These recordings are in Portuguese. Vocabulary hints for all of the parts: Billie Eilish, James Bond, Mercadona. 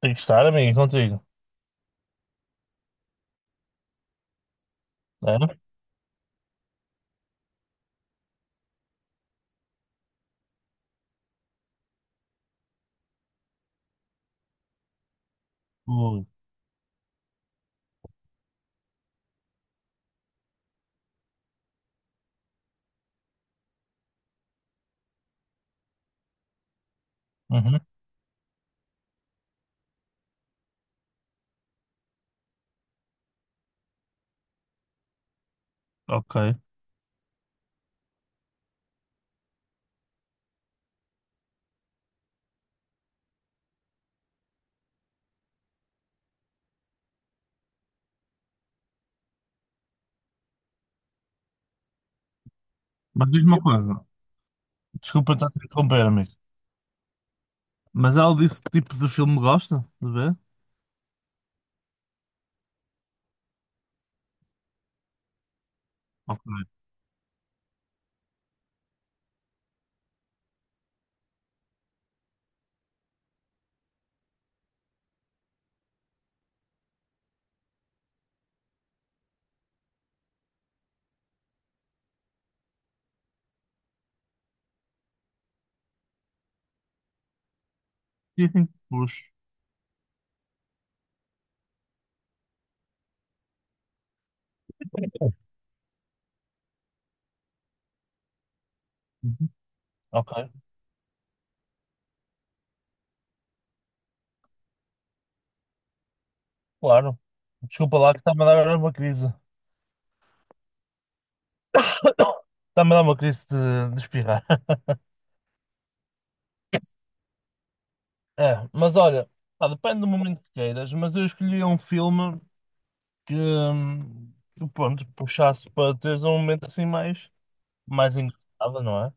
Tem que estar, amigo, contigo. É? Ui. Uhum. Ok. Mas diz-me uma coisa. Desculpa estar a te interromper, amigo. Mas ela disse que tipo de filme gosta de ver? Ok. Sim, sim. Puxa. Uhum. Ok, claro. Desculpa lá que está-me a dar uma crise. Está-me a dar uma crise de espirrar. É, mas olha, pá, depende do momento que queiras, mas eu escolhi um filme que, hum, que pronto, puxasse para teres um momento assim mais, mais engraçado, não é?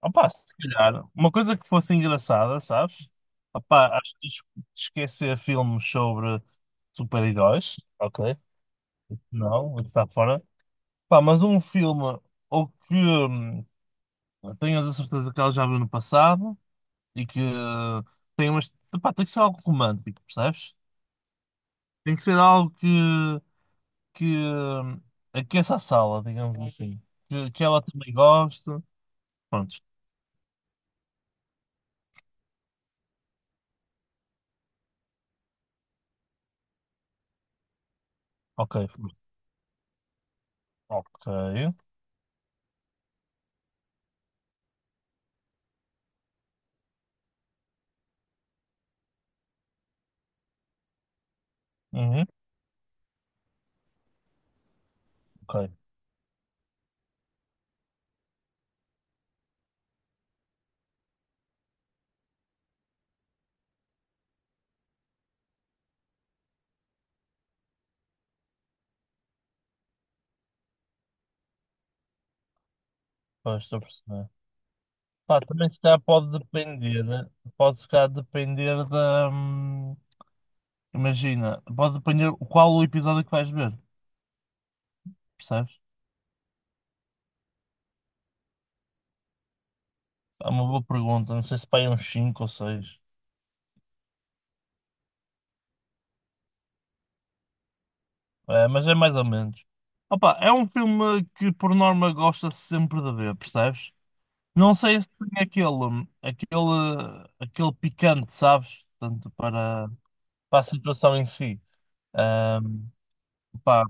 Opa, se calhar, uma coisa que fosse engraçada, sabes? Opa, acho que esquecer filmes sobre super-heróis, ok? Não, está fora. Pá, mas um filme ou que tenhas a certeza que ela já viu no passado e que tem umas. Pá, tem que ser algo romântico, percebes? Tem que ser algo que, que aqueça a sala, digamos assim. Que ela também goste. Pronto, ok, ok. Uhum, ok. Pois, estou a perceber. Pá, também se calhar pode depender, né? Pode se calhar depender da. Imagina, pode depender qual o episódio que vais ver, percebes? É uma boa pergunta, não sei se pá, é uns cinco ou seis, é, mas é mais ou menos. Opa, é um filme que por norma gosta-se sempre de ver, percebes? Não sei se tem aquele, aquele picante, sabes? Tanto para, para a situação em si. Ahm, pá,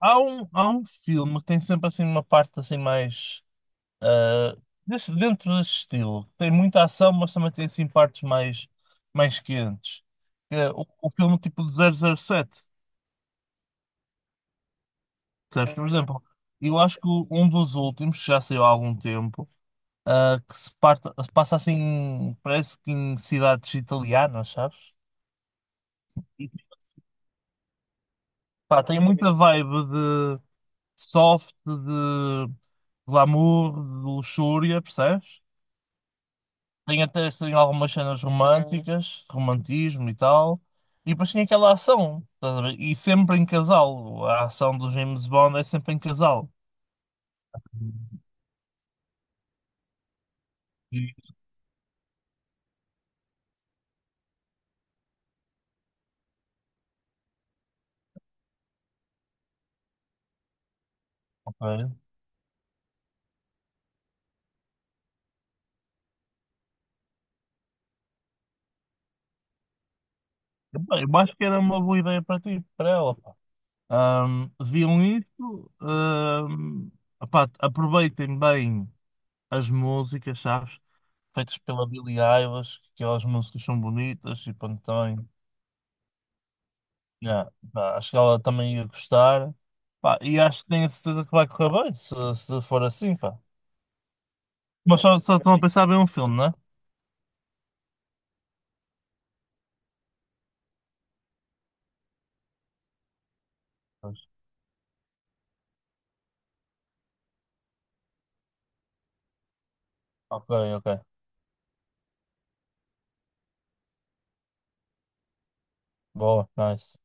há um, há um filme que tem sempre assim uma parte assim mais ah, dentro desse estilo. Tem muita ação, mas também tem assim partes mais, mais quentes. Que é o filme tipo de 007. Percebes? Por exemplo, eu acho que um dos últimos, que já saiu há algum tempo, que se, se passa assim, parece que em cidades italianas, sabes? E, pá, tem muita vibe de soft, de glamour, de luxúria, percebes? Tem, até tem algumas cenas românticas, romantismo e tal. E depois tinha aquela ação, estás a ver? E sempre em casal. A ação do James Bond é sempre em casal. E, ok. Epá, eu acho que era uma boa ideia para ti, para ela, pá. Viam isso, epá, aproveitem bem as músicas, sabes? Feitas pela Billie Eilish, que aquelas músicas são bonitas e pronto, também. Yeah, pá, acho que ela também ia gostar. Pá, e acho que tenho a certeza que vai correr bem, se for assim, pá. Mas só, só estão a pensar bem um filme, né? Pois. Ok, ok. Boa, nice.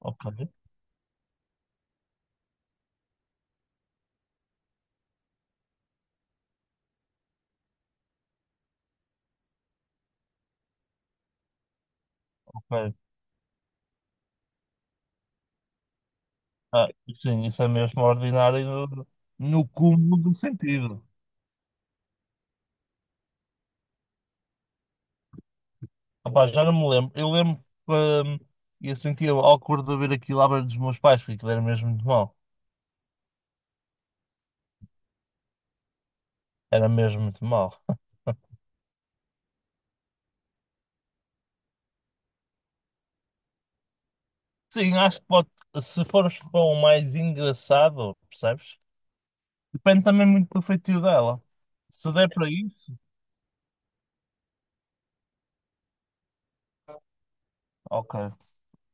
Ok, ok. Ah, sim, isso é mesmo ordinário no, no cúmulo do sentido. Opá, já não me lembro. Eu lembro que eu sentia awkward de ver aquilo à beira dos meus pais, porque aquilo era mesmo muito mau. Era mesmo muito mau. Sim, acho que pode, se fores para o mais engraçado, percebes? Depende também muito do feitio dela. Se der para isso, ok.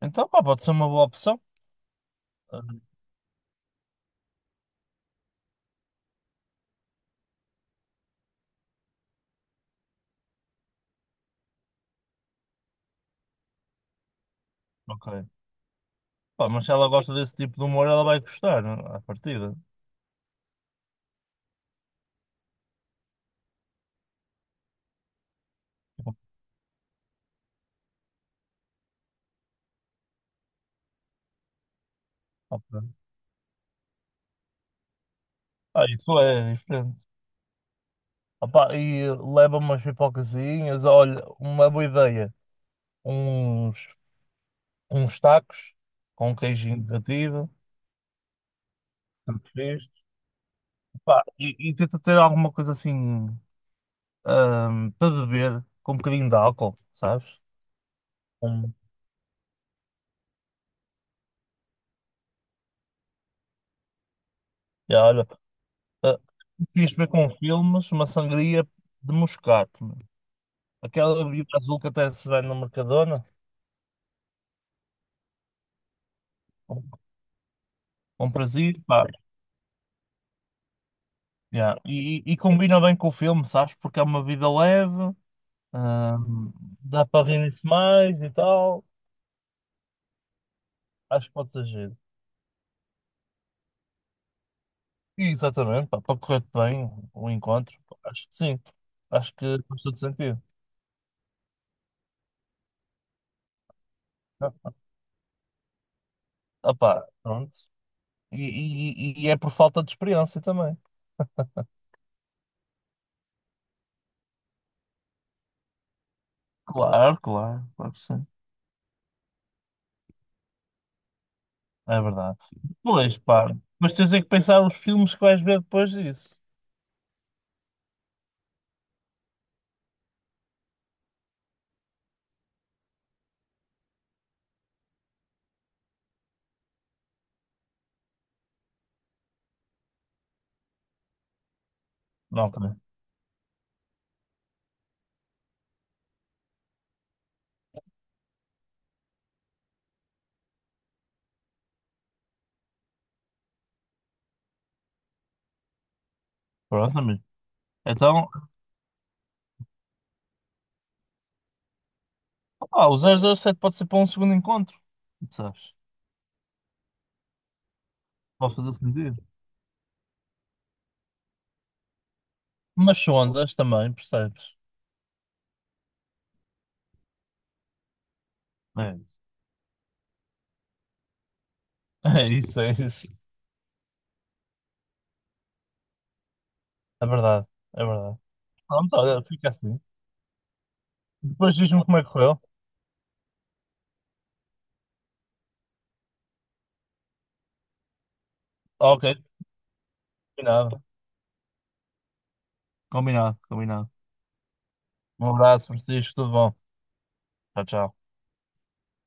Então, pá, pode ser uma boa opção. Ah, ok. Pá, mas se ela gosta desse tipo de humor, ela vai gostar, né, à partida. Ok. Ah, isso é diferente. Ah, pá, e leva umas pipocazinhas. Olha, uma boa ideia. Uns, uns tacos com um queijinho derretido. Tacos frescos. Pá, e tenta ter alguma coisa assim, para beber, com um bocadinho de álcool, sabes? Um, já, olha. Ah, fiz ver com filmes uma sangria de moscato, meu. Aquela bebida azul que até se vende no Mercadona. Um um prazer, pá. Yeah. E, e combina bem com o filme, sabes? Porque é uma vida leve, ah, dá para rir-se mais e tal. Acho que pode ser giro. E, exatamente, pá, para correr bem o encontro, pá, acho que sim. Acho que faz todo sentido. Ah, ah, pá, pronto. E, e é por falta de experiência também. Claro, claro, claro que sim. É verdade. Pois, pá. Mas tens é que pensar os filmes que vais ver depois disso. Não, ok. Pronto, amigo. Então, ah, o 007 pode ser para um segundo encontro. Sabes? Pode fazer sentido. Mas sondas também, percebes? É. É isso, é isso. É verdade, é verdade. Pronto, olha, fica assim. Depois diz-me como é que correu. Ok, combinado. Combinado, combinado. Um abraço, Francisco. Tudo bom. Tchau, tchau.